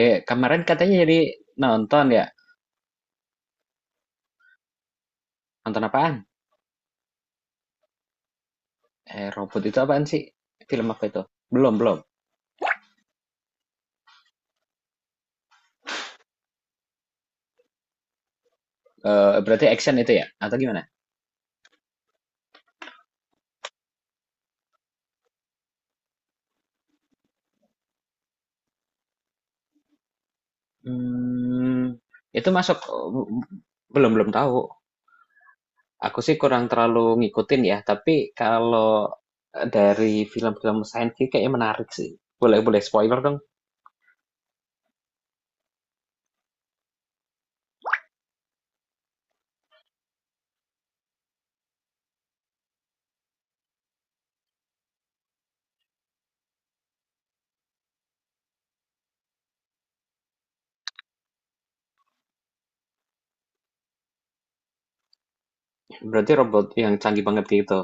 Kemarin katanya jadi nonton ya. Nonton apaan? Robot itu apaan sih? Film apa itu? Belum. Berarti action itu ya? Atau gimana? Hmm, itu masuk belum belum tahu. Aku sih kurang terlalu ngikutin ya, tapi kalau dari film-film science fiction kayaknya menarik sih. Boleh boleh spoiler dong. Berarti robot yang canggih banget gitu.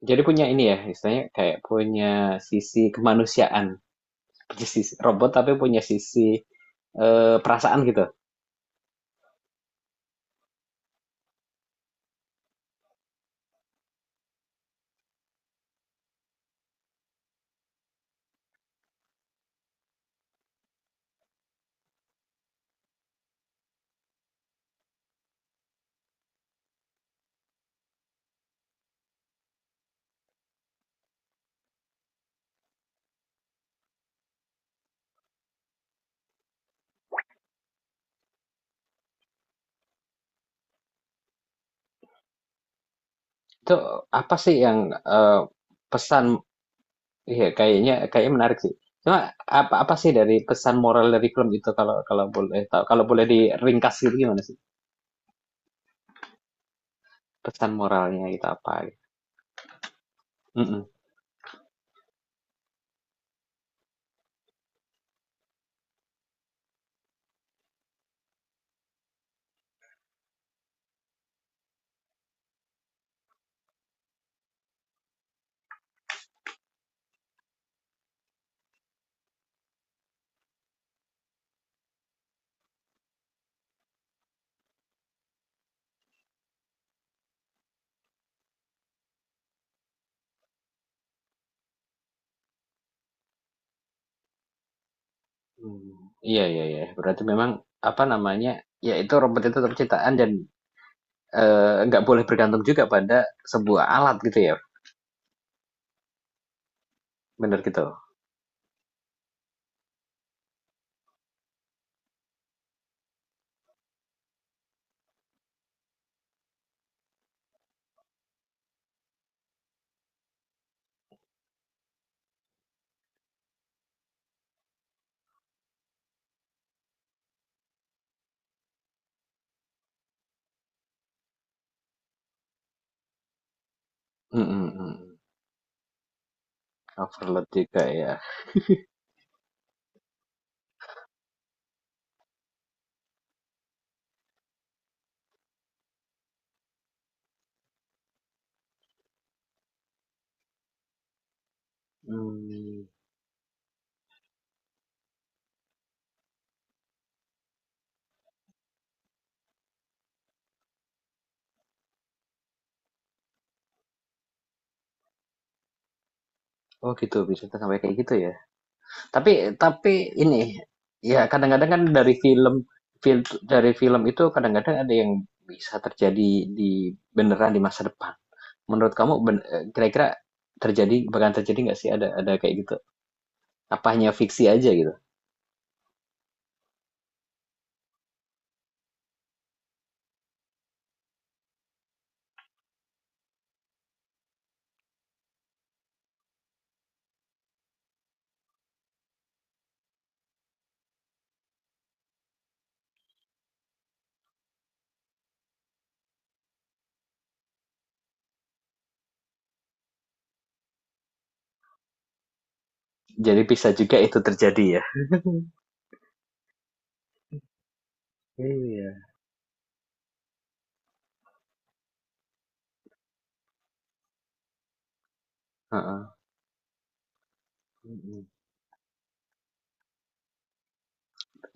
Jadi punya ini ya, istilahnya kayak punya sisi kemanusiaan. Punya sisi robot tapi punya sisi perasaan gitu. Itu apa sih yang eh, pesan iya kayaknya kayaknya menarik sih. Cuma apa apa sih dari pesan moral dari film itu kalau kalau boleh tahu kalau boleh diringkas gitu gimana sih? Pesan moralnya gitu apa? Gitu. Mm-mm. Hmm. Iya, iya, iya. Berarti memang apa namanya? Ya itu robot itu tetap ciptaan dan nggak boleh bergantung juga pada sebuah alat gitu ya. Bener gitu. Mm-mm. Overload juga ya. Hmm. Oh gitu, bisa sampai kayak gitu ya. Tapi tapi ini ya kadang-kadang kan dari film film dari film itu kadang-kadang ada yang bisa terjadi di beneran di masa depan. Menurut kamu kira-kira bakalan terjadi nggak sih ada kayak gitu? Apa hanya fiksi aja gitu? Jadi bisa juga itu terjadi ya. Iya. Heeh. Mm-mm.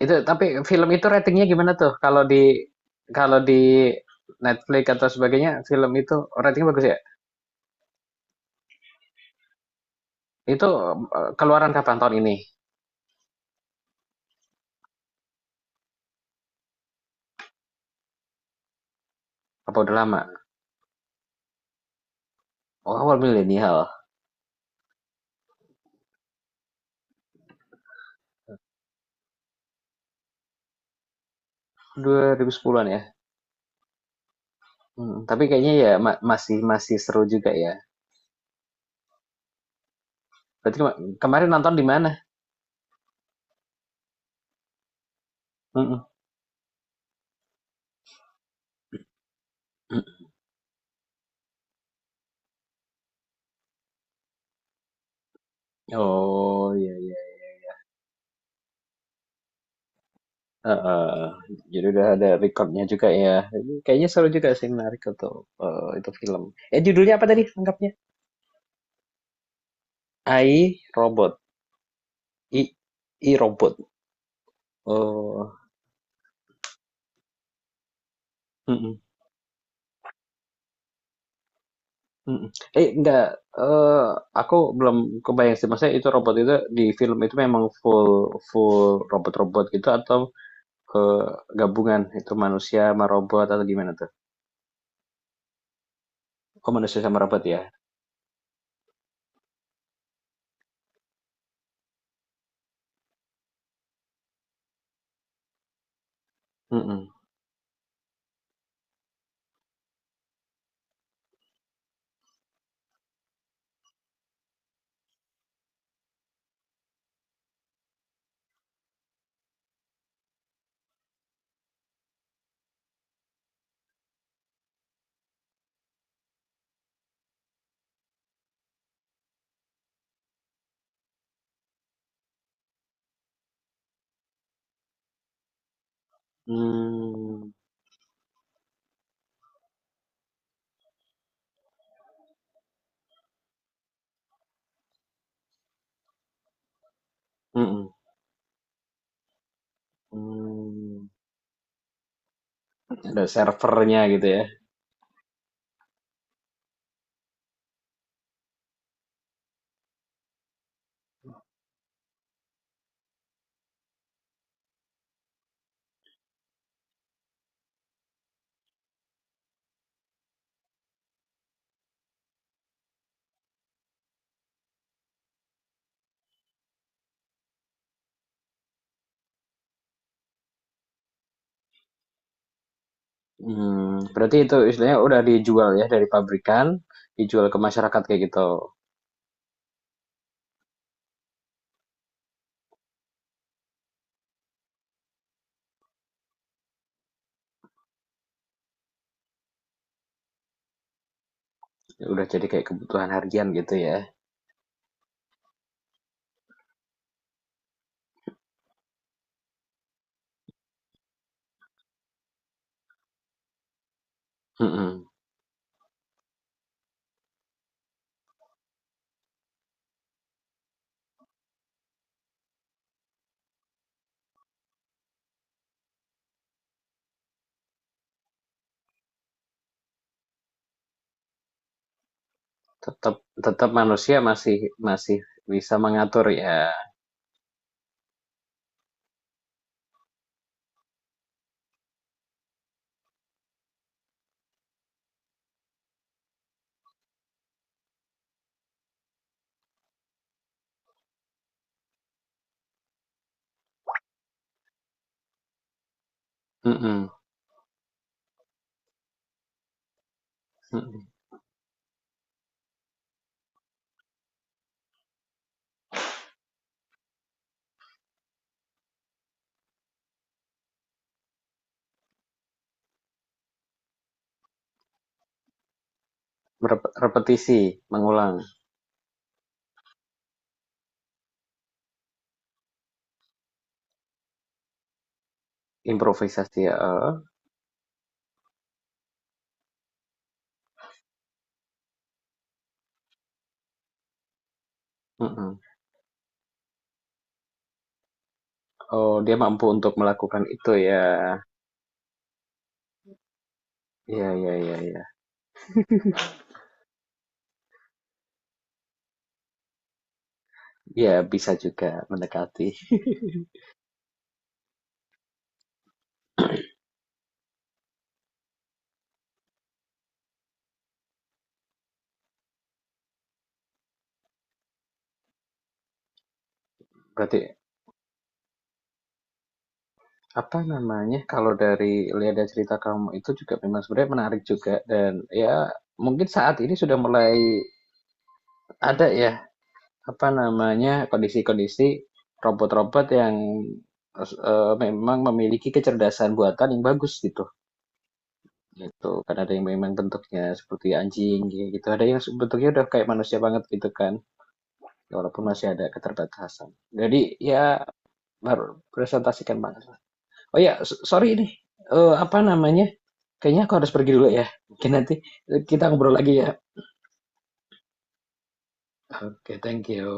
Itu tapi film itu ratingnya gimana tuh? Kalau di Netflix atau sebagainya film itu ratingnya bagus ya? Itu, keluaran kapan tahun ini? Apa udah lama? Oh, awal milenial, 2010-an ya? Mhm, tapi kayaknya ya masih masih seru juga ya. Berarti kemarin nonton di mana? Mhm, mhm. Oh, iya, iya, iya. Heeh, jadi udah ada record juga ya. Kayaknya seru juga sih, menarik untuk, itu film. Eh, judulnya apa tadi lengkapnya? I, Robot. I I, Robot. Oh, mhm. Mhm. Eh, enggak, eee, aku belum kebayang sih, maksudnya itu robot itu di film itu memang full full robot-robot gitu atau, eee, gabungan itu manusia sama robot atau gimana tuh? Oh, manusia sama robot ya? Mm-mm. Hmm, mmm, mhm, mmm, ada servernya gitu ya? Hmm, berarti itu istilahnya udah dijual ya dari pabrikan, dijual ke masyarakat kayak gitu? Udah jadi kayak kebutuhan harian gitu ya? Mhm. tetap tetap manusia masih masih bisa mengatur ya, mhm, mhm, repetisi, mengulang, improvisasi, heeh, mhm. Oh, dia mampu untuk melakukan itu ya. Ya. Iya bisa juga mendekati. Berarti, apa namanya, kalau dari lihat dari cerita kamu itu juga memang sebenarnya menarik juga dan ya mungkin saat ini sudah mulai ada ya apa namanya, kondisi-kondisi robot-robot yang memang memiliki kecerdasan buatan yang bagus gitu. Gitu. Kan ada yang memang bentuknya seperti anjing gitu. Ada yang bentuknya udah kayak manusia banget gitu kan. Ya, walaupun masih ada keterbatasan. Jadi ya baru presentasikan banget. Oh ya, sorry ini. Eh, apa namanya? Kayaknya aku harus pergi dulu ya. Mungkin nanti kita ngobrol lagi ya. Oke, okay, thank you.